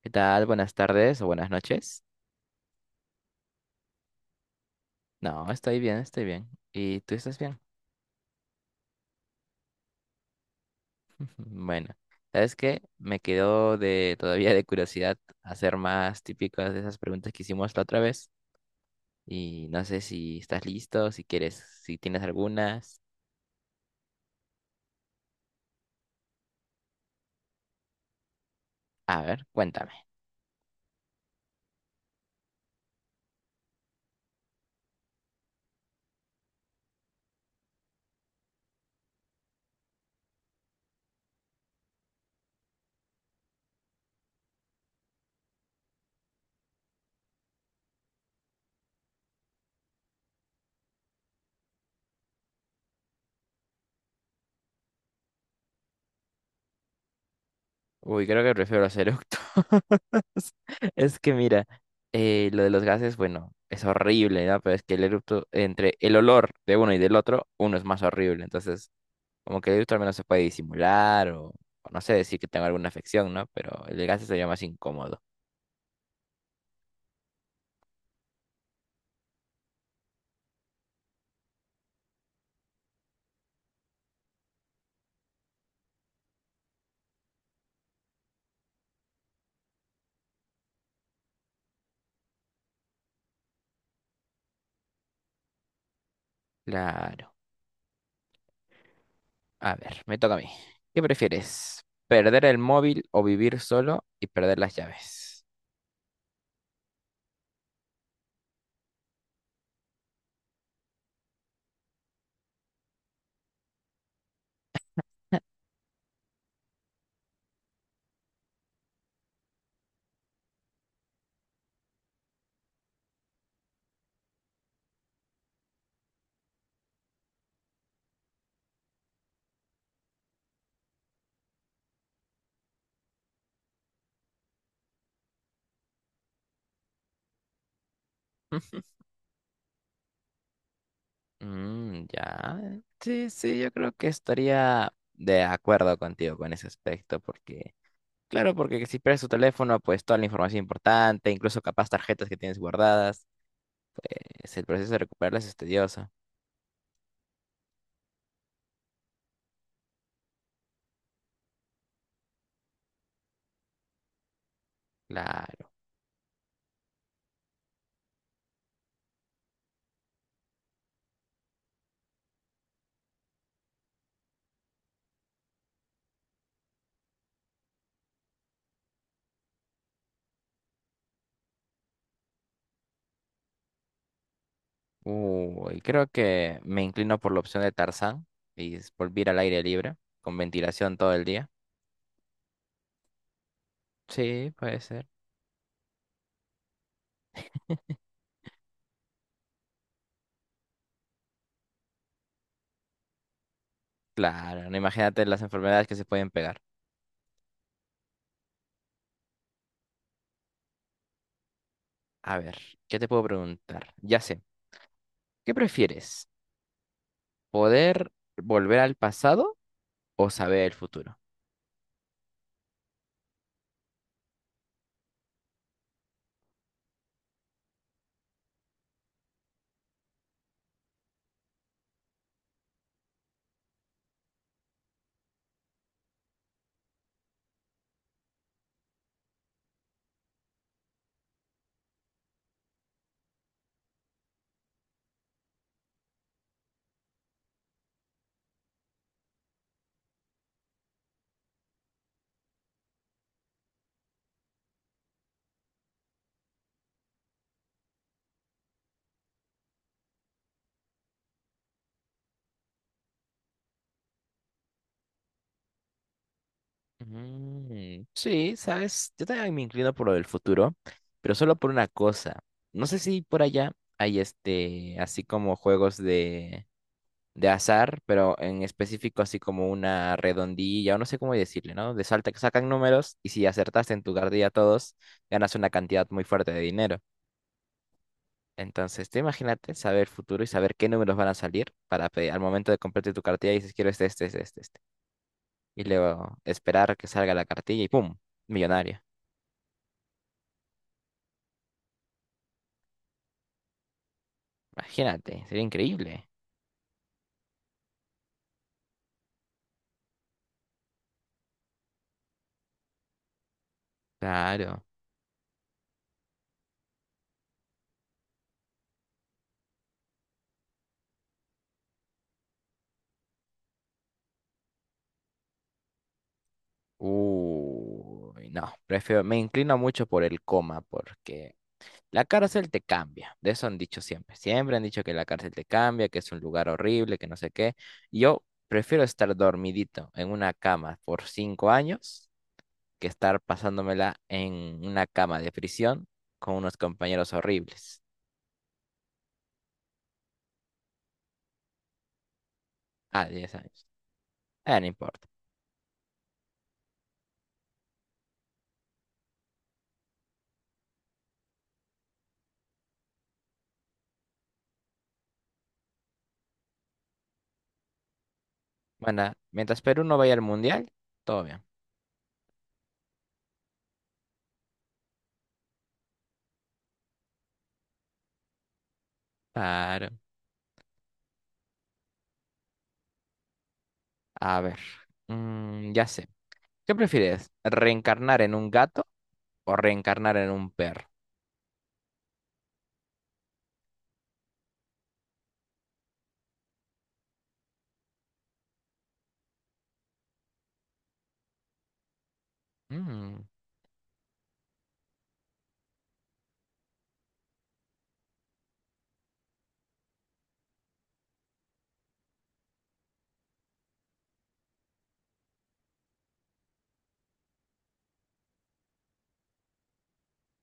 ¿Qué tal? Buenas tardes o buenas noches. No, estoy bien, estoy bien. ¿Y tú estás bien? Bueno, ¿sabes qué? Me quedó de todavía de curiosidad hacer más típicas de esas preguntas que hicimos la otra vez. Y no sé si estás listo, si quieres, si tienes algunas. A ver, cuéntame. Uy, creo que prefiero los eructos. Es que mira, lo de los gases, bueno, es horrible, ¿no? Pero es que el eructo, entre el olor de uno y del otro, uno es más horrible. Entonces, como que el gusto al menos se puede disimular o no sé decir que tengo alguna afección, ¿no? Pero el desgaste sería más incómodo. Claro. A ver, me toca a mí. ¿Qué prefieres? ¿Perder el móvil o vivir solo y perder las llaves? Mm, ya. Sí, sí, yo creo que estaría de acuerdo contigo con ese aspecto, porque, claro, porque si pierdes tu teléfono, pues toda la información importante, incluso capaz tarjetas que tienes guardadas, es el proceso de recuperarlas es tedioso. Claro. Uy, creo que me inclino por la opción de Tarzán y es volver al aire libre, con ventilación todo el día. Sí, puede ser. Claro, no imagínate las enfermedades que se pueden pegar. A ver, ¿qué te puedo preguntar? Ya sé, ¿qué prefieres? ¿Poder volver al pasado o saber el futuro? Mm, sí, sabes, yo también me inclino por lo del futuro, pero solo por una cosa. No sé si por allá hay así como juegos de azar, pero en específico así como una redondilla, o no sé cómo decirle, ¿no? De salta que sacan números y si acertaste en tu cartilla todos, ganas una cantidad muy fuerte de dinero. Entonces, tú imagínate saber el futuro y saber qué números van a salir para al momento de comprarte tu cartilla y dices, quiero este, este, este, este, este. Y luego esperar que salga la cartilla y ¡pum! Millonario. Imagínate, sería increíble. Claro. Uy, no, prefiero, me inclino mucho por el coma porque la cárcel te cambia, de eso han dicho siempre. Siempre han dicho que la cárcel te cambia, que es un lugar horrible, que no sé qué. Yo prefiero estar dormidito en una cama por cinco años que estar pasándomela en una cama de prisión con unos compañeros horribles. Ah, 10 años. Ah, no importa. Bueno, mientras Perú no vaya al mundial, todo bien. Claro. A ver, mm, ya sé. ¿Qué prefieres? ¿Reencarnar en un gato o reencarnar en un perro? Mm,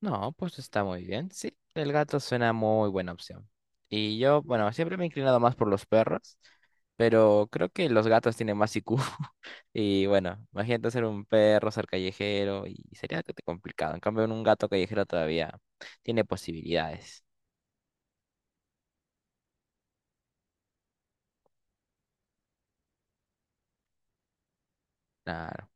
no, pues está muy bien. Sí, el gato suena muy buena opción. Y yo, bueno, siempre me he inclinado más por los perros, pero creo que los gatos tienen más IQ. Y bueno, imagínate ser un perro, ser callejero, y sería que te complicado. En cambio, un gato callejero todavía tiene posibilidades. Claro.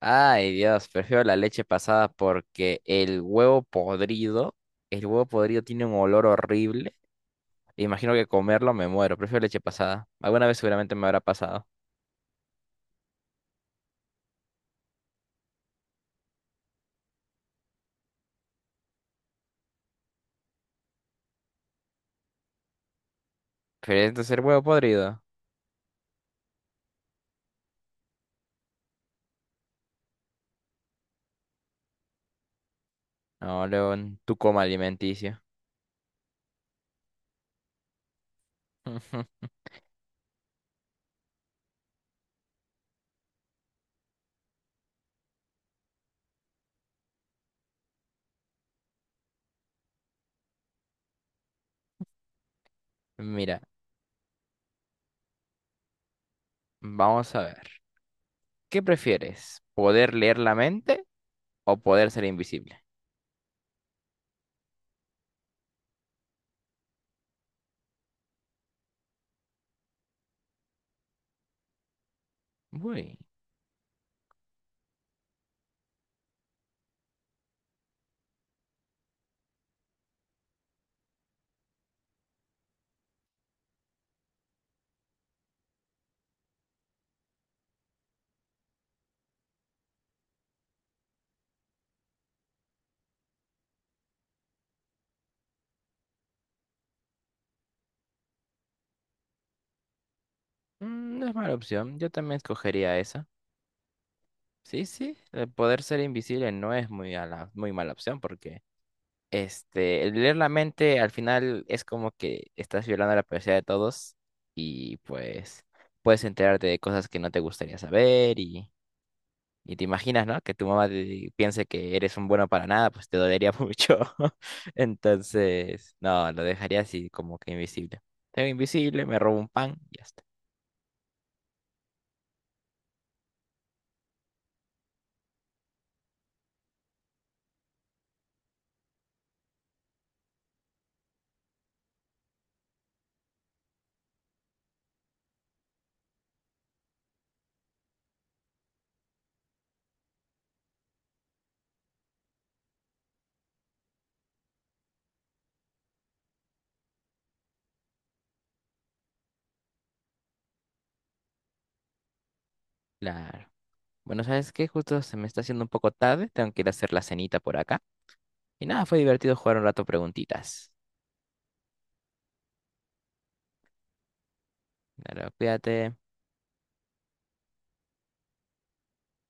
Ay, Dios, prefiero la leche pasada porque el huevo podrido tiene un olor horrible. Imagino que comerlo me muero. Prefiero leche pasada. Alguna vez seguramente me habrá pasado. ¿Prefieres ser huevo podrido? No, León, tu coma alimenticia. Mira, vamos a ver. ¿Qué prefieres? ¿Poder leer la mente o poder ser invisible? Uy, no es mala opción. Yo también escogería esa. Sí, sí, el poder ser invisible no es muy, muy mala opción porque el leer la mente al final es como que estás violando la privacidad de todos y pues puedes enterarte de cosas que no te gustaría saber. Y te imaginas, ¿no? Que tu mamá piense que eres un bueno para nada, pues te dolería mucho. Entonces, no, lo dejaría así como que invisible. Tengo invisible, me robo un pan y ya está. Claro. Bueno, ¿sabes qué? Justo se me está haciendo un poco tarde, tengo que ir a hacer la cenita por acá. Y nada, fue divertido jugar un rato preguntitas. Claro, cuídate.